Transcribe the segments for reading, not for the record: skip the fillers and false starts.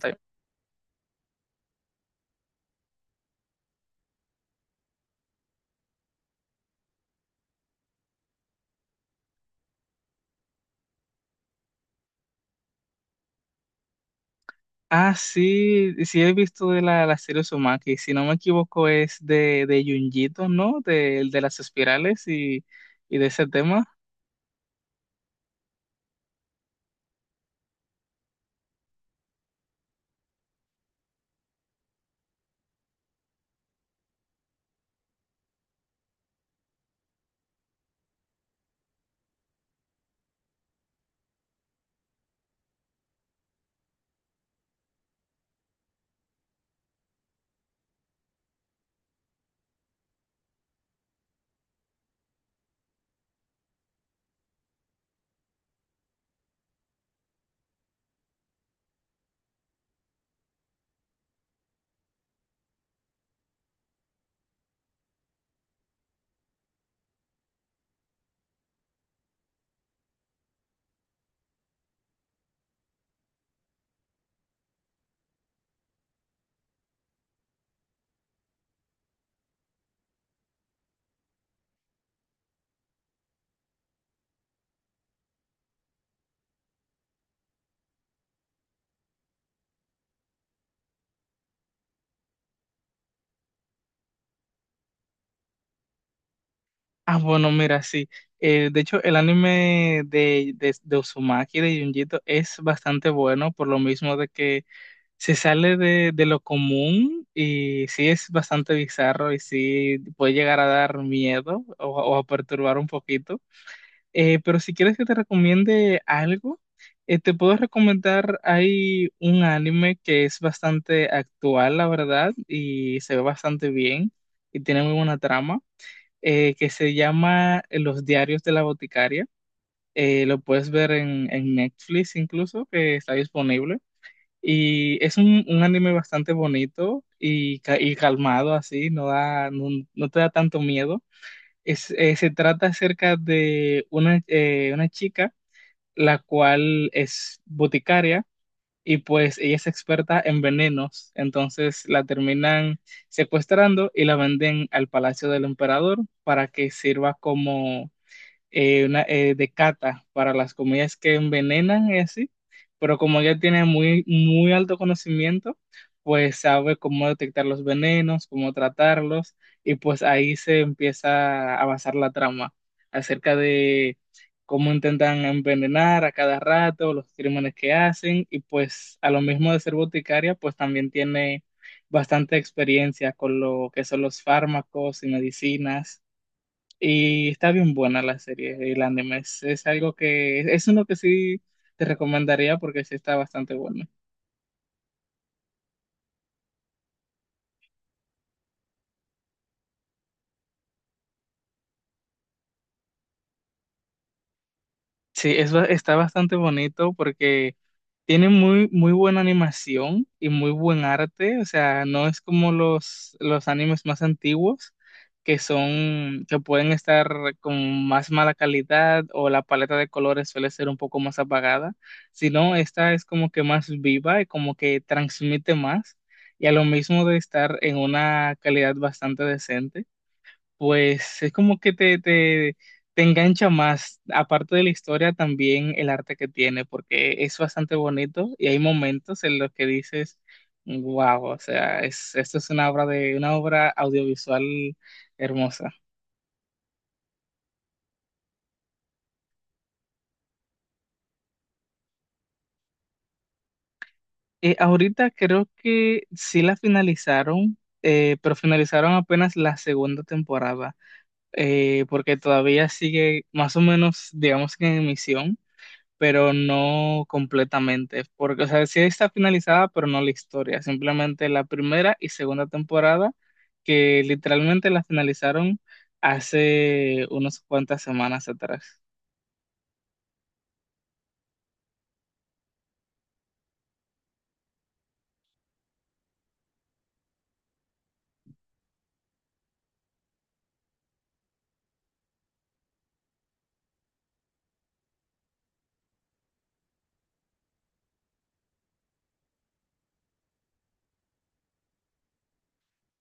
Time. Sí, sí he visto de la serie Uzumaki, si no me equivoco es de Junjito, ¿no? De las espirales y de ese tema. Ah, bueno, mira, sí. De hecho, el anime de Uzumaki, de Junjito, es bastante bueno, por lo mismo de que se sale de lo común y sí es bastante bizarro y sí puede llegar a dar miedo o a perturbar un poquito. Pero si quieres que te recomiende algo, te puedo recomendar, hay un anime que es bastante actual, la verdad, y se ve bastante bien y tiene muy buena trama, que se llama Los Diarios de la Boticaria. Lo puedes ver en Netflix incluso, que está disponible. Y es un anime bastante bonito y, y calmado así, no no te da tanto miedo. Se trata acerca de una chica la cual es boticaria y pues ella es experta en venenos, entonces la terminan secuestrando y la venden al palacio del emperador para que sirva como de cata para las comidas que envenenan y así, pero como ella tiene muy alto conocimiento, pues sabe cómo detectar los venenos, cómo tratarlos, y pues ahí se empieza a avanzar la trama acerca de cómo intentan envenenar a cada rato, los crímenes que hacen, y pues a lo mismo de ser boticaria, pues también tiene bastante experiencia con lo que son los fármacos y medicinas y está bien buena la serie, el anime. Es algo que es uno que sí te recomendaría porque sí está bastante bueno. Sí, eso está bastante bonito porque tiene muy buena animación y muy buen arte. O sea, no es como los animes más antiguos que son, que pueden estar con más mala calidad o la paleta de colores suele ser un poco más apagada, sino esta es como que más viva y como que transmite más y a lo mismo de estar en una calidad bastante decente. Pues es como que te engancha más, aparte de la historia, también el arte que tiene, porque es bastante bonito y hay momentos en los que dices, wow, o sea, esto es una obra de, una obra audiovisual hermosa. Ahorita creo que sí la finalizaron, pero finalizaron apenas la segunda temporada, porque todavía sigue más o menos, digamos que en emisión pero no completamente, porque, o sea, sí está finalizada, pero no la historia, simplemente la primera y segunda temporada, que literalmente la finalizaron hace unas cuantas semanas atrás.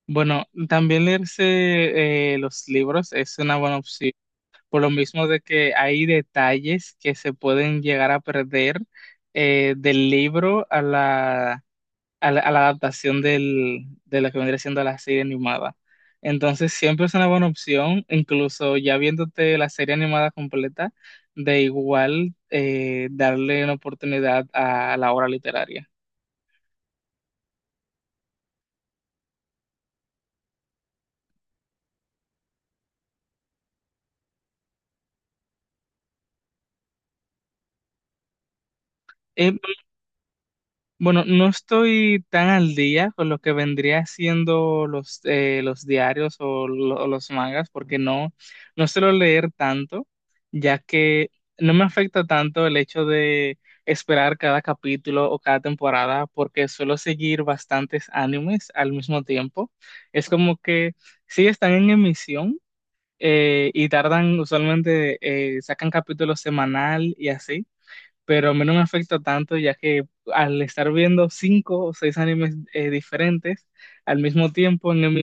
Bueno, también leerse los libros es una buena opción, por lo mismo de que hay detalles que se pueden llegar a perder del libro a la a la adaptación de lo que vendría siendo la serie animada. Entonces siempre es una buena opción, incluso ya viéndote la serie animada completa, de igual darle una oportunidad a la obra literaria. Eh, Bueno, no estoy tan al día con lo que vendría siendo los diarios o los mangas, porque no, no suelo leer tanto, ya que no me afecta tanto el hecho de esperar cada capítulo o cada temporada, porque suelo seguir bastantes animes al mismo tiempo. Es como que sí están en emisión y tardan, usualmente sacan capítulo semanal y así, pero a mí no me afecta tanto, ya que al estar viendo cinco o seis animes diferentes al mismo tiempo,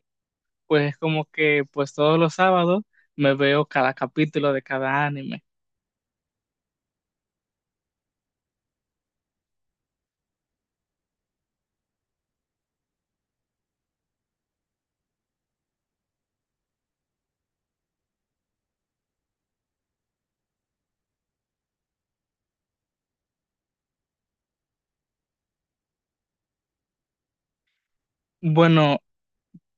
pues es como que pues todos los sábados me veo cada capítulo de cada anime. Bueno,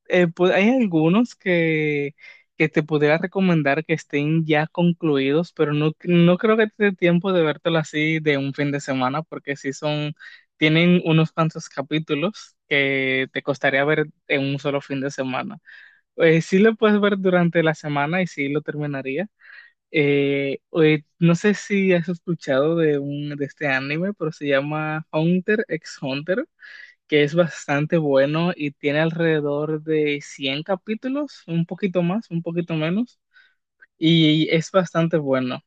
pues hay algunos que te pudiera recomendar que estén ya concluidos, pero no, no creo que te dé tiempo de vértelo así de un fin de semana, porque sí son, tienen unos cuantos capítulos que te costaría ver en un solo fin de semana. Sí lo puedes ver durante la semana y sí lo terminaría. No sé si has escuchado de este anime, pero se llama Hunter x Hunter, que es bastante bueno y tiene alrededor de 100 capítulos, un poquito más, un poquito menos, y es bastante bueno.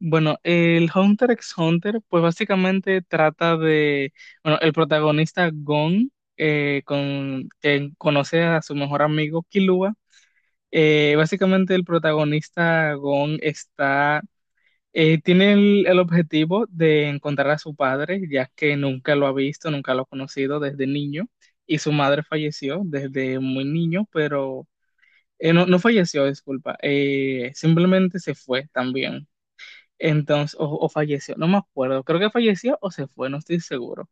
Bueno, el Hunter x Hunter, pues básicamente trata de, bueno, el protagonista Gon, que conoce a su mejor amigo Killua. Básicamente el protagonista Gon está, tiene el objetivo de encontrar a su padre, ya que nunca lo ha visto, nunca lo ha conocido desde niño, y su madre falleció desde muy niño, pero no, no falleció, disculpa, simplemente se fue también. Entonces, o falleció, no me acuerdo, creo que falleció o se fue, no estoy seguro.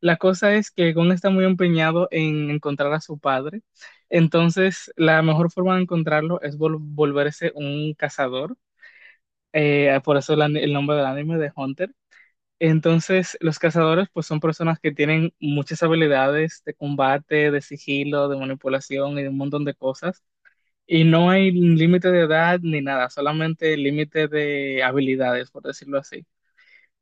La cosa es que Gon está muy empeñado en encontrar a su padre, entonces la mejor forma de encontrarlo es volverse un cazador, por eso el nombre del anime de Hunter. Entonces, los cazadores pues son personas que tienen muchas habilidades de combate, de sigilo, de manipulación y de un montón de cosas. Y no hay límite de edad ni nada, solamente límite de habilidades, por decirlo así.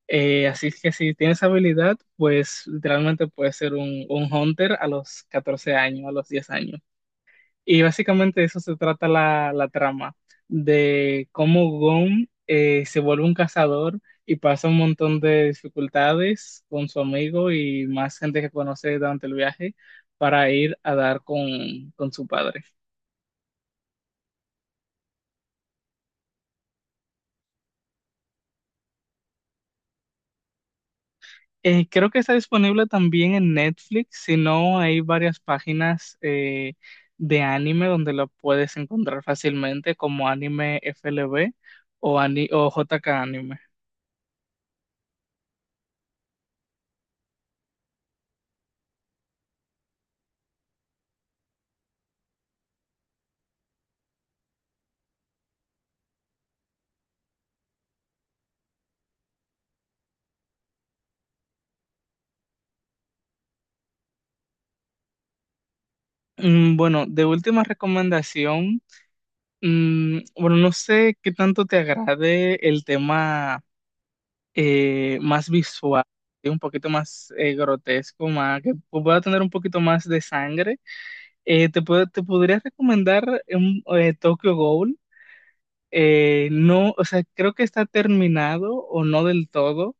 Así es que si tienes habilidad, pues literalmente puedes ser un hunter a los 14 años, a los 10 años. Y básicamente de eso se trata la trama, de cómo Gon se vuelve un cazador y pasa un montón de dificultades con su amigo y más gente que conoce durante el viaje para ir a dar con su padre. Creo que está disponible también en Netflix, si no hay varias páginas de anime donde lo puedes encontrar fácilmente como Anime FLB o JK Anime. Bueno, de última recomendación, bueno, no sé qué tanto te agrade el tema más visual, ¿sí? Un poquito más grotesco, más, que pueda tener un poquito más de sangre. Te podría recomendar Tokyo Ghoul. No, o sea, creo que está terminado o no del todo,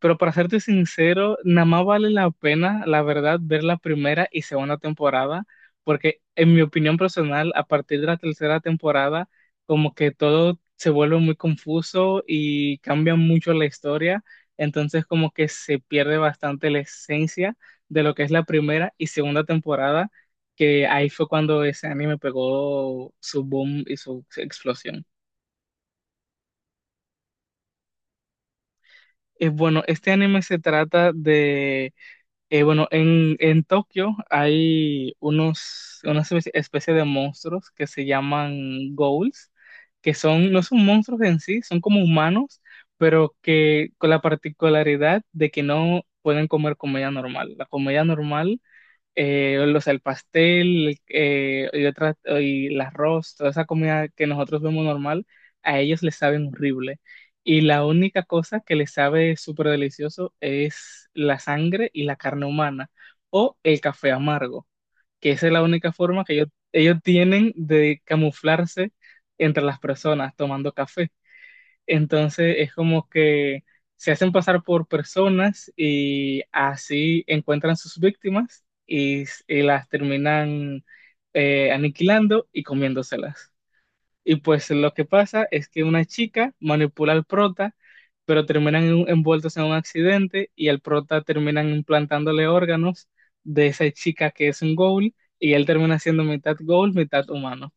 pero para serte sincero, nada más vale la pena, la verdad, ver la primera y segunda temporada, porque en mi opinión personal, a partir de la tercera temporada, como que todo se vuelve muy confuso y cambia mucho la historia, entonces como que se pierde bastante la esencia de lo que es la primera y segunda temporada, que ahí fue cuando ese anime pegó su boom y su explosión. Bueno, este anime se trata de, bueno, en Tokio hay una especie de monstruos que se llaman ghouls, que son, no son monstruos en sí, son como humanos, pero que con la particularidad de que no pueden comer comida normal. La comida normal o sea, el pastel otras y el arroz, toda esa comida que nosotros vemos normal, a ellos les saben horrible. Y la única cosa que les sabe súper delicioso es la sangre y la carne humana o el café amargo, que esa es la única forma que ellos tienen de camuflarse entre las personas tomando café. Entonces es como que se hacen pasar por personas y así encuentran sus víctimas y las terminan aniquilando y comiéndoselas. Y pues lo que pasa es que una chica manipula al prota, pero terminan envueltos en un accidente y al prota terminan implantándole órganos de esa chica que es un ghoul y él termina siendo mitad ghoul, mitad humano.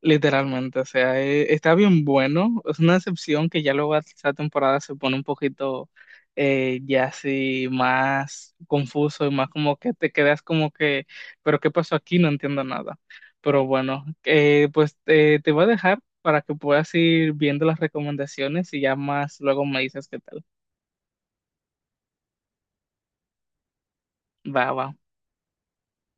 Literalmente, o sea, está bien bueno. Es una excepción que ya luego esta temporada se pone un poquito ya así más confuso y más como que te quedas como que, pero ¿qué pasó aquí? No entiendo nada. Pero bueno, te voy a dejar para que puedas ir viendo las recomendaciones y ya más luego me dices qué tal. Va, va.